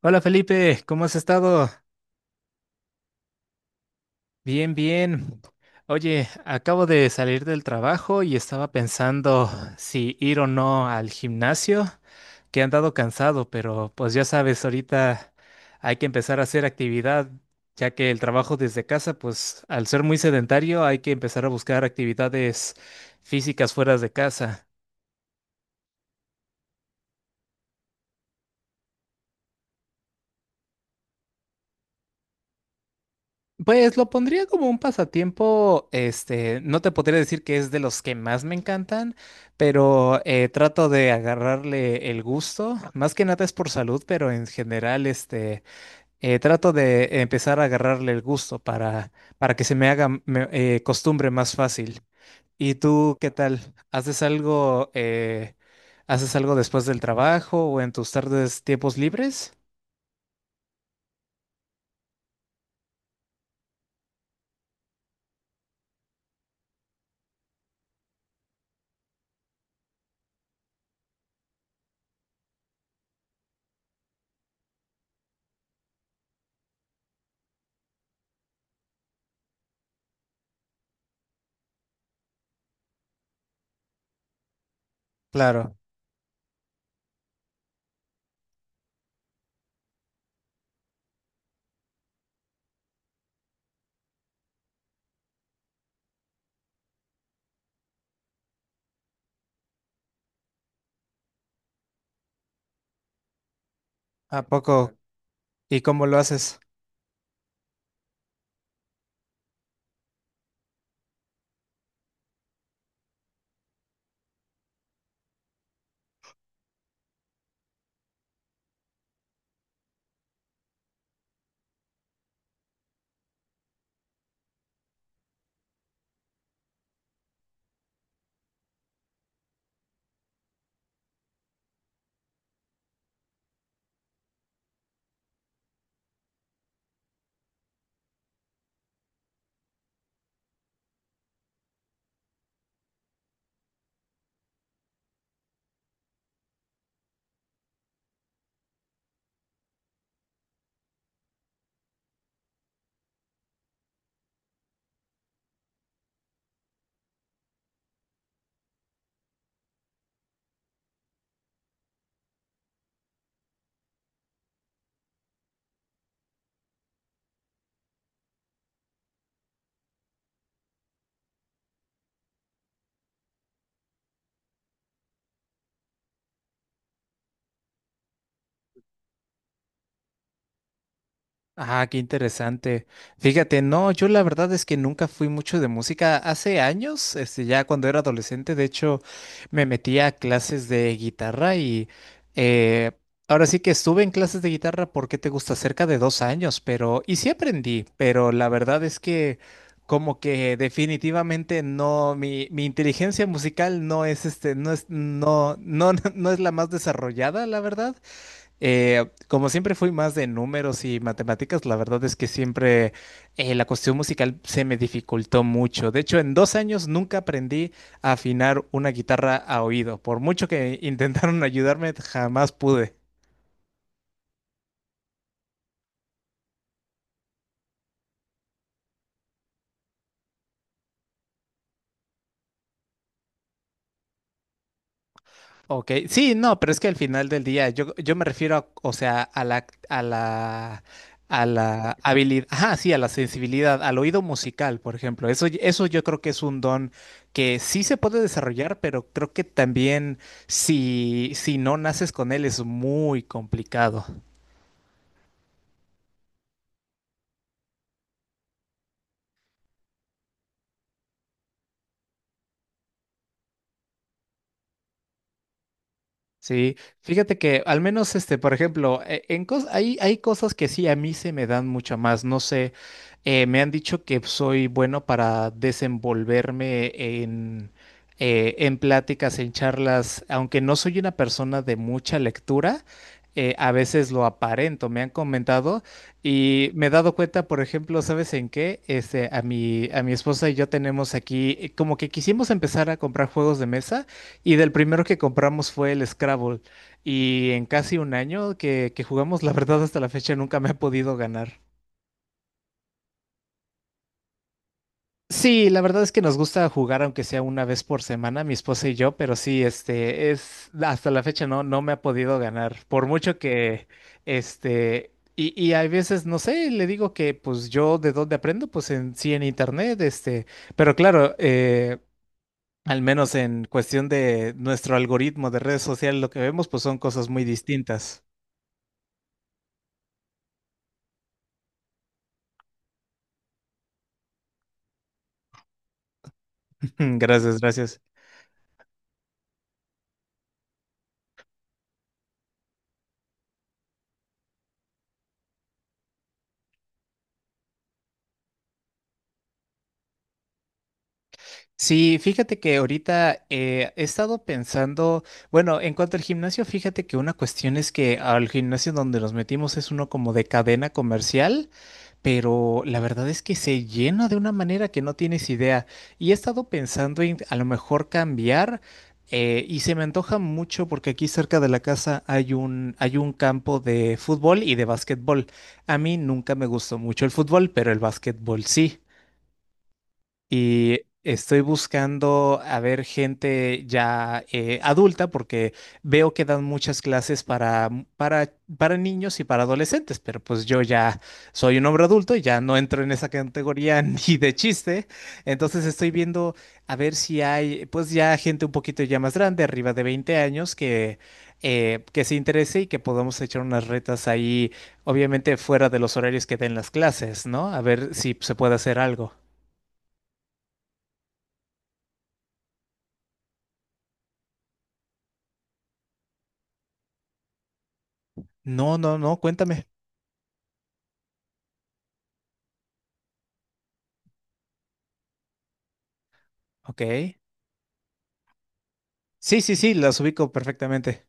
Hola Felipe, ¿cómo has estado? Bien, bien. Oye, acabo de salir del trabajo y estaba pensando si ir o no al gimnasio, que he andado cansado, pero pues ya sabes, ahorita hay que empezar a hacer actividad, ya que el trabajo desde casa, pues al ser muy sedentario, hay que empezar a buscar actividades físicas fuera de casa. Pues lo pondría como un pasatiempo, no te podría decir que es de los que más me encantan, pero trato de agarrarle el gusto, más que nada es por salud, pero en general, trato de empezar a agarrarle el gusto para que se me haga costumbre más fácil. ¿Y tú qué tal? Haces algo después del trabajo o en tus tardes, tiempos libres? Claro, ¿a poco? ¿Y cómo lo haces? Ah, qué interesante. Fíjate, no, yo la verdad es que nunca fui mucho de música. Hace años, ya cuando era adolescente, de hecho, me metí a clases de guitarra y eh, ahora sí que estuve en clases de guitarra porque te gusta cerca de 2 años, pero y sí aprendí, pero la verdad es que como que definitivamente no, mi inteligencia musical no es este, no es, no, no, no es la más desarrollada, la verdad. Como siempre fui más de números y matemáticas, la verdad es que siempre la cuestión musical se me dificultó mucho. De hecho, en 2 años nunca aprendí a afinar una guitarra a oído. Por mucho que intentaron ayudarme, jamás pude. OK, sí, no, pero es que al final del día, yo me refiero a, o sea, a la, a la habilidad, ajá, sí, a la sensibilidad, al oído musical, por ejemplo. Eso, eso yo creo que es un don que sí se puede desarrollar, pero creo que también si no naces con él es muy complicado. Sí, fíjate que al menos por ejemplo, hay cosas que sí a mí se me dan mucho más. No sé, me han dicho que soy bueno para desenvolverme en pláticas, en charlas, aunque no soy una persona de mucha lectura, a veces lo aparento, me han comentado y me he dado cuenta, por ejemplo, ¿sabes en qué? A mi esposa y yo tenemos aquí, como que quisimos empezar a comprar juegos de mesa. Y del primero que compramos fue el Scrabble. Y en casi un año que jugamos, la verdad hasta la fecha nunca me ha podido ganar. Sí, la verdad es que nos gusta jugar aunque sea una vez por semana, mi esposa y yo, pero sí, hasta la fecha no me ha podido ganar. Por mucho que, y hay veces, no sé, le digo que pues yo de dónde aprendo, pues sí en internet, pero claro, al menos en cuestión de nuestro algoritmo de redes sociales, lo que vemos pues son cosas muy distintas. Mm, gracias, gracias. Sí, fíjate que ahorita he estado pensando, bueno, en cuanto al gimnasio, fíjate que una cuestión es que al gimnasio donde nos metimos es uno como de cadena comercial, pero la verdad es que se llena de una manera que no tienes idea. Y he estado pensando en a lo mejor cambiar y se me antoja mucho porque aquí cerca de la casa hay un campo de fútbol y de básquetbol. A mí nunca me gustó mucho el fútbol, pero el básquetbol sí. Y estoy buscando a ver gente ya adulta porque veo que dan muchas clases para, para, para niños y para adolescentes, pero pues yo ya soy un hombre adulto y ya no entro en esa categoría ni de chiste. Entonces estoy viendo a ver si hay pues ya gente un poquito ya más grande, arriba de 20 años, que se interese y que podamos echar unas retas ahí, obviamente fuera de los horarios que den las clases, ¿no? A ver si se puede hacer algo. No, no, no, cuéntame. OK. Sí, sí, sí, las ubico perfectamente.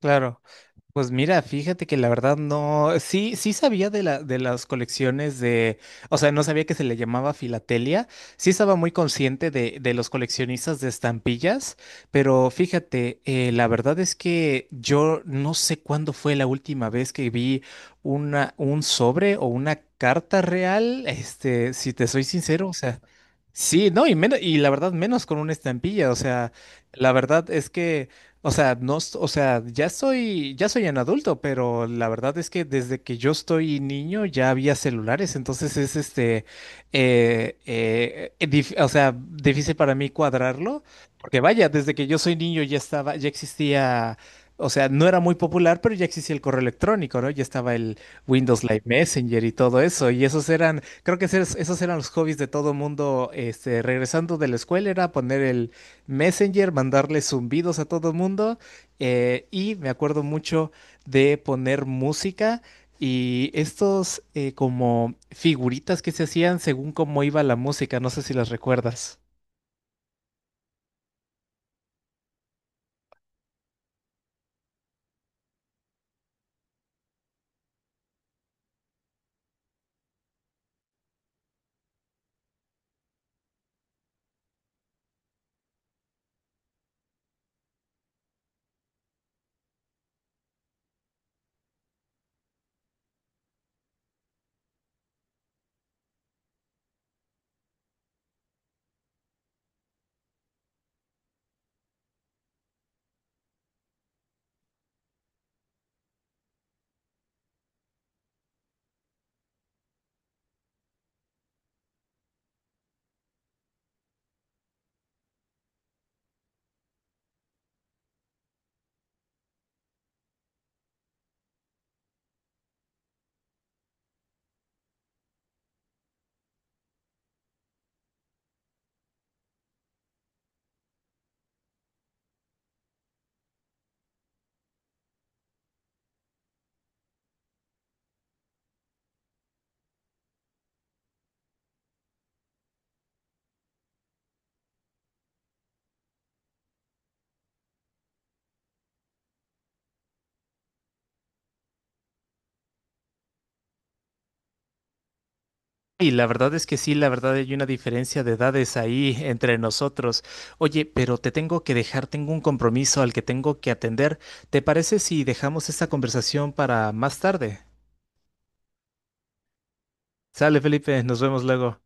Claro. Pues mira, fíjate que la verdad no, sí, sí sabía de la, de las colecciones de, o sea, no sabía que se le llamaba filatelia, sí estaba muy consciente de los coleccionistas de estampillas, pero fíjate, la verdad es que yo no sé cuándo fue la última vez que vi una, un sobre o una carta real, si te soy sincero, o sea, sí, no, y menos, y la verdad menos con una estampilla, o sea, la verdad es que... O sea, no, o sea, ya soy un adulto, pero la verdad es que desde que yo estoy niño ya había celulares, entonces es o sea, difícil para mí cuadrarlo, porque vaya, desde que yo soy niño ya estaba, ya existía, o sea, no era muy popular, pero ya existía el correo electrónico, ¿no? Ya estaba el Windows Live Messenger y todo eso, y esos eran, creo que esos eran los hobbies de todo mundo, regresando de la escuela era poner el Messenger, mandarle zumbidos a todo el mundo y me acuerdo mucho de poner música y estos como figuritas que se hacían según cómo iba la música, no sé si las recuerdas. Y la verdad es que sí, la verdad hay una diferencia de edades ahí entre nosotros. Oye, pero te tengo que dejar, tengo un compromiso al que tengo que atender. ¿Te parece si dejamos esta conversación para más tarde? Sale, Felipe, nos vemos luego.